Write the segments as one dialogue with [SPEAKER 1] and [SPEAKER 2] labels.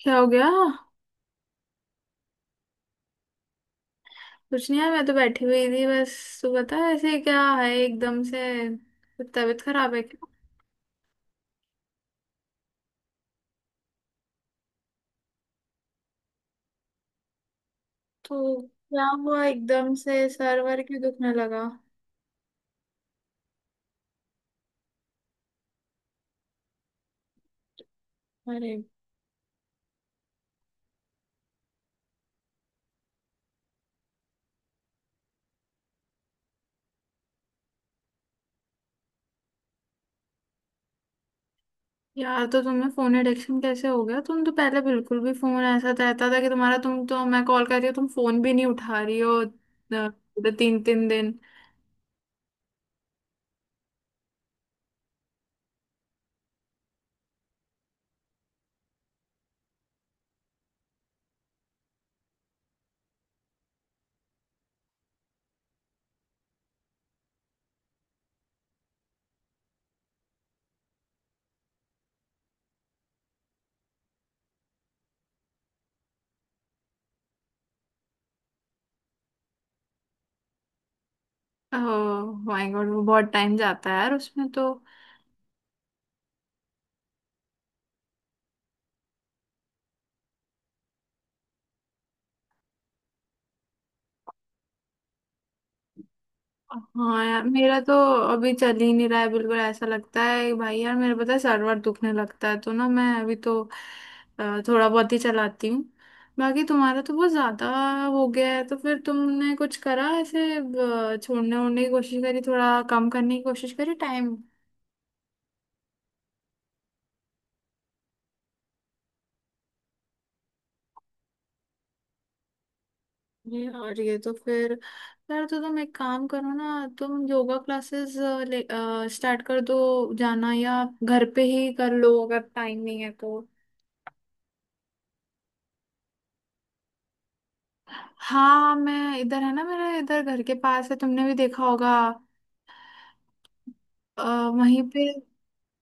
[SPEAKER 1] क्या हो गया? कुछ नहीं है, मैं तो बैठी हुई थी बस। तू बता, ऐसे क्या है एकदम से? कुछ तबीयत खराब है क्या? तो क्या हुआ एकदम से, सर्वर क्यों दुखने लगा? अरे यार, तो तुम्हें फोन एडिक्शन कैसे हो गया? तुम तो पहले बिल्कुल भी फोन ऐसा रहता था कि तुम्हारा, तुम तो मैं कॉल कर रही हूँ तुम फोन भी नहीं उठा रही हो पूरे तीन तीन दिन। ओह माय गॉड, वो बहुत टाइम जाता है यार उसमें तो। हाँ यार, मेरा तो अभी चल ही नहीं रहा है बिल्कुल, ऐसा लगता है। भाई यार मेरा, पता है, सर वर दुखने लगता है तो ना मैं अभी तो थोड़ा बहुत ही चलाती हूँ। बाकी तुम्हारा तो बहुत ज्यादा हो गया है। तो फिर तुमने कुछ करा ऐसे? छोड़ने ओड़ने की कोशिश करी, थोड़ा कम करने की कोशिश करी टाइम? ये और ये तो फिर। यार तो तुम एक काम करो ना, तुम योगा क्लासेस स्टार्ट कर दो, जाना, या घर पे ही कर लो अगर टाइम नहीं है तो। हाँ मैं इधर है ना, मेरे इधर घर के पास है, तुमने भी देखा होगा। अ, वहीं पे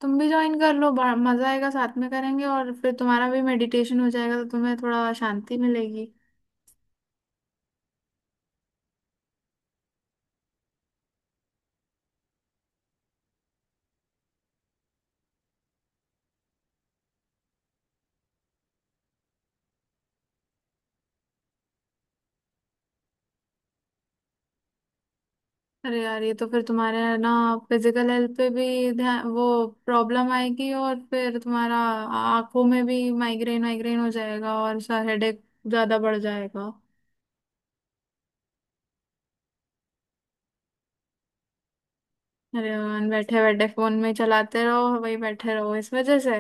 [SPEAKER 1] तुम भी ज्वाइन कर लो, बड़ा मजा आएगा, साथ में करेंगे और फिर तुम्हारा भी मेडिटेशन हो जाएगा तो तुम्हें थोड़ा शांति मिलेगी। अरे यार ये तो फिर तुम्हारे है ना, फिजिकल हेल्थ पे भी ध्यान, वो प्रॉब्लम आएगी, और फिर तुम्हारा आंखों में भी माइग्रेन वाइग्रेन हो जाएगा और सर हेडेक ज्यादा बढ़ जाएगा। अरे यार, बैठे बैठे फोन में चलाते रहो, वही बैठे रहो, इस वजह से।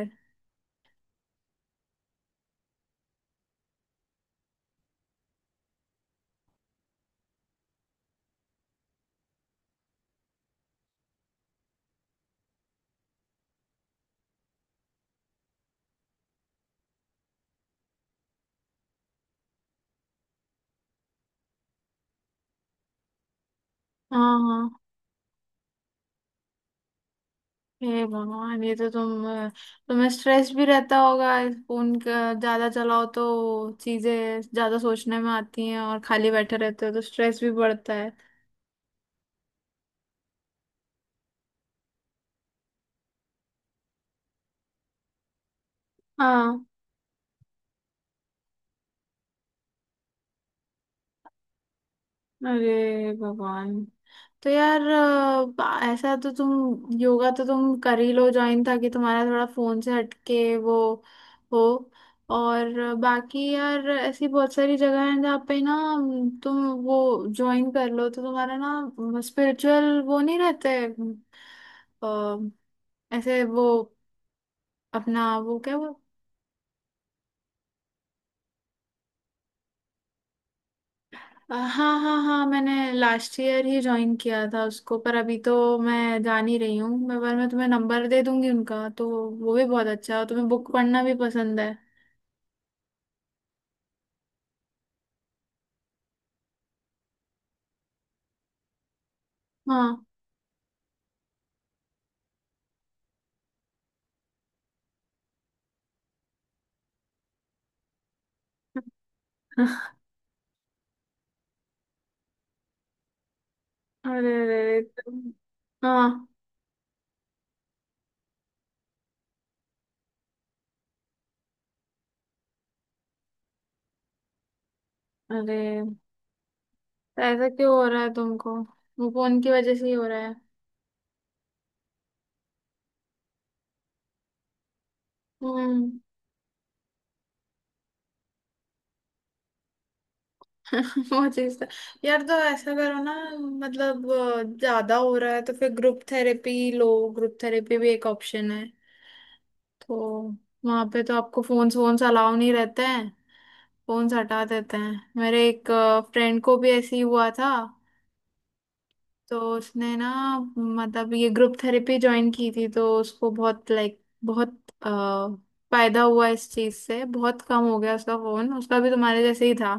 [SPEAKER 1] हाँ हाँ। हे भगवान, ये तो तुम, तुम्हें स्ट्रेस भी रहता होगा। फोन का ज्यादा चलाओ तो चीजें ज्यादा सोचने में आती हैं, और खाली बैठे रहते हो तो स्ट्रेस भी बढ़ता है। हाँ। अरे भगवान। तो यार, ऐसा तो तुम योगा तो तुम कर ही लो ज्वाइन, ताकि तुम्हारा थोड़ा फोन से हटके वो हो। और बाकी यार ऐसी बहुत सारी जगह हैं जहाँ पे ना तुम वो ज्वाइन कर लो तो तुम्हारा ना स्पिरिचुअल वो नहीं रहते। अ, ऐसे वो, अपना वो क्या वो। हाँ हाँ हाँ, मैंने लास्ट ईयर ही ज्वाइन किया था उसको, पर अभी तो मैं जा नहीं रही हूँ मैं, पर मैं तुम्हें नंबर दे दूंगी उनका तो। वो भी बहुत अच्छा है और तुम्हें बुक पढ़ना भी पसंद है। हाँ। अरे अरे तुम। हाँ। अरे तो ऐसा क्यों हो रहा है तुमको? वो फोन की वजह से ही हो रहा है। हम्म। वो चीज तो। यार तो ऐसा करो ना, मतलब ज्यादा हो रहा है तो फिर ग्रुप थेरेपी लो, ग्रुप थेरेपी भी एक ऑप्शन है। तो वहां पे तो आपको फोन्स वोन्स अलाउ नहीं रहते हैं, फोन्स हटा देते हैं। मेरे एक फ्रेंड को भी ऐसे ही हुआ था तो उसने ना, मतलब ये ग्रुप थेरेपी ज्वाइन की थी, तो उसको बहुत, लाइक, बहुत अ, फायदा हुआ इस चीज से। बहुत कम हो गया उसका फोन, उसका भी तुम्हारे जैसे ही था,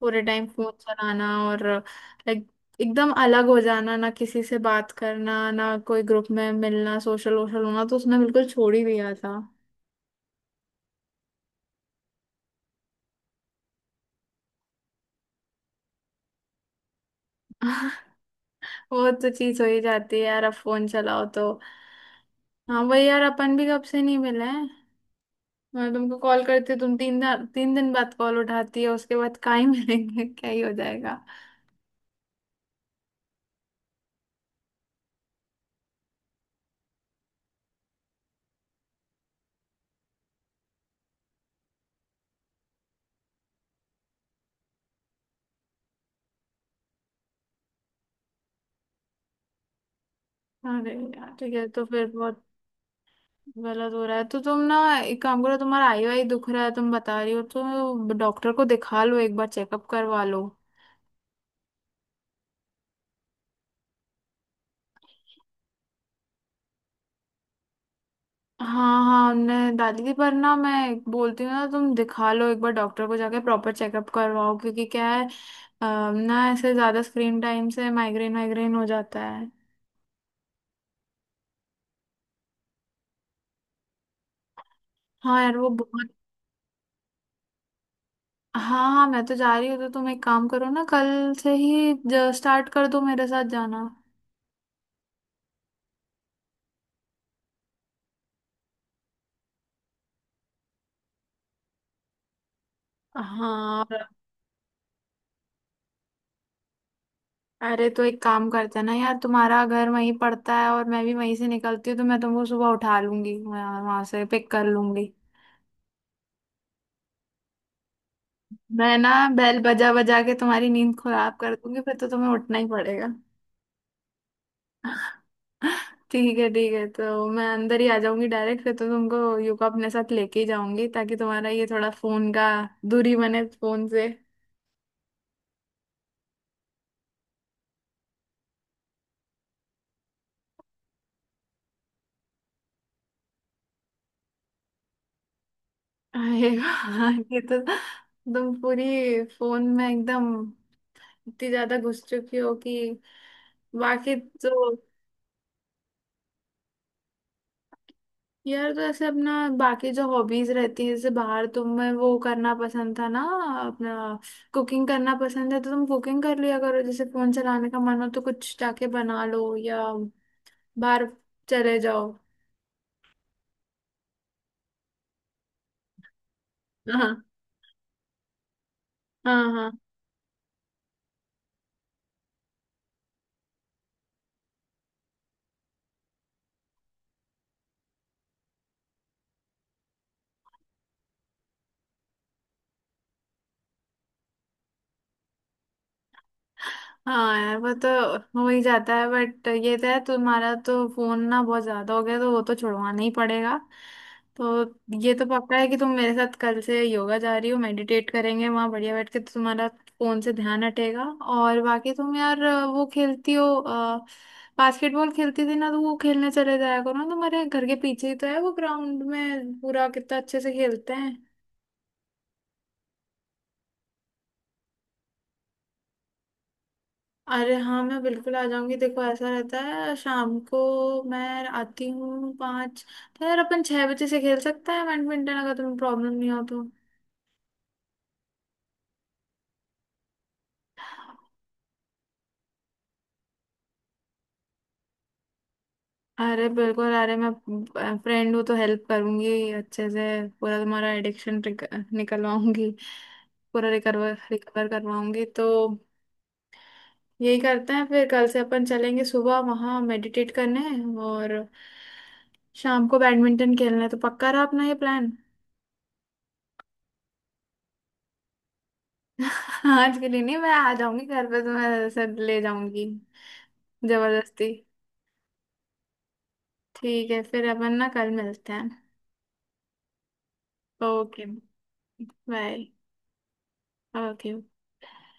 [SPEAKER 1] पूरे टाइम फोन चलाना और लाइक एकदम अलग हो जाना, ना किसी से बात करना, ना कोई ग्रुप में मिलना, सोशल वोशल होना। तो उसने बिल्कुल छोड़ ही दिया था। वो तो चीज हो ही जाती है यार, अब फोन चलाओ तो। हाँ वही यार, अपन भी कब से नहीं मिले हैं। मैं तुमको कॉल करती हूँ, तुम तीन दिन बाद कॉल उठाती है, उसके बाद कहाँ ही मिलेंगे? क्या ही हो जाएगा। अरे यार ठीक है, तो फिर बहुत गलत हो रहा है तो तुम ना एक काम करो, तुम्हारा आई वाई दुख रहा है तुम बता रही हो, तो डॉक्टर को दिखा लो, एक बार चेकअप करवा लो। हाँ हाँ, हमने डाली थी, पर ना मैं बोलती हूँ ना, तुम दिखा लो एक बार डॉक्टर को, जाके प्रॉपर चेकअप करवाओ, क्योंकि क्या है ना ऐसे ज्यादा स्क्रीन टाइम से माइग्रेन वाइग्रेन हो जाता है। हाँ यार वो बहुत। हाँ हाँ मैं तो जा रही हूँ, तो तुम एक काम करो ना, कल से ही स्टार्ट कर दो, मेरे साथ जाना। हाँ। अरे तो एक काम करते हैं ना यार, तुम्हारा घर वहीं पड़ता है और मैं भी वहीं से निकलती हूँ, तो मैं तुमको सुबह उठा लूंगी, वहाँ वहाँ से पिक कर लूंगी। मैं ना बेल बजा बजा के तुम्हारी नींद खराब कर दूंगी, फिर तो तुम्हें उठना ही पड़ेगा। ठीक है ठीक है, तो मैं अंदर ही आ जाऊंगी डायरेक्ट, फिर तो तुमको यूको अपने साथ लेके ही जाऊंगी, ताकि तुम्हारा ये थोड़ा फोन का दूरी बने फोन से। अरे वाह, ये तो, तुम पूरी फोन में एकदम इतनी ज्यादा घुस चुकी हो कि बाकी। तो यार तो ऐसे अपना बाकी जो हॉबीज रहती है, जैसे बाहर तुम्हें वो करना पसंद था ना, अपना कुकिंग करना पसंद है, तो तुम कुकिंग कर लिया करो, जैसे फोन चलाने का मन हो तो कुछ जाके बना लो, या बाहर चले जाओ। हाँ हाँ। हाँ हाँ यार वो तो हो ही जाता है, बट ये तो है तुम्हारा, तो फोन ना बहुत ज्यादा हो गया तो वो तो छुड़वाना ही पड़ेगा। तो ये तो पक्का है कि तुम मेरे साथ कल से योगा जा रही हो, मेडिटेट करेंगे वहां बढ़िया बैठ के, तो तुम्हारा फोन से ध्यान हटेगा। और बाकी तुम यार वो खेलती हो, बास्केटबॉल खेलती थी ना, तो वो खेलने चले जाया करो ना, तुम्हारे घर के पीछे ही तो है वो ग्राउंड, में पूरा कितना अच्छे से खेलते हैं। अरे हाँ मैं बिल्कुल आ जाऊंगी, देखो ऐसा रहता है, शाम को मैं आती हूँ 5, तो यार अपन 6 बजे से खेल सकते हैं बैडमिंटन, अगर तुम्हें प्रॉब्लम नहीं हो तो। अरे बिल्कुल, अरे मैं फ्रेंड हूँ तो हेल्प करूंगी अच्छे से, पूरा तुम्हारा एडिक्शन निकलवाऊंगी, पूरा रिकवर रिकवर करवाऊंगी तो। यही करते हैं फिर, कल से अपन चलेंगे सुबह वहाँ मेडिटेट करने, और शाम को बैडमिंटन खेलना है, तो पक्का रहा अपना ये प्लान। आज के लिए नहीं, मैं आ जाऊंगी घर पे तो मैं सर ले जाऊंगी जबरदस्ती। ठीक है फिर, अपन ना कल मिलते हैं। ओके। बाय। ओके।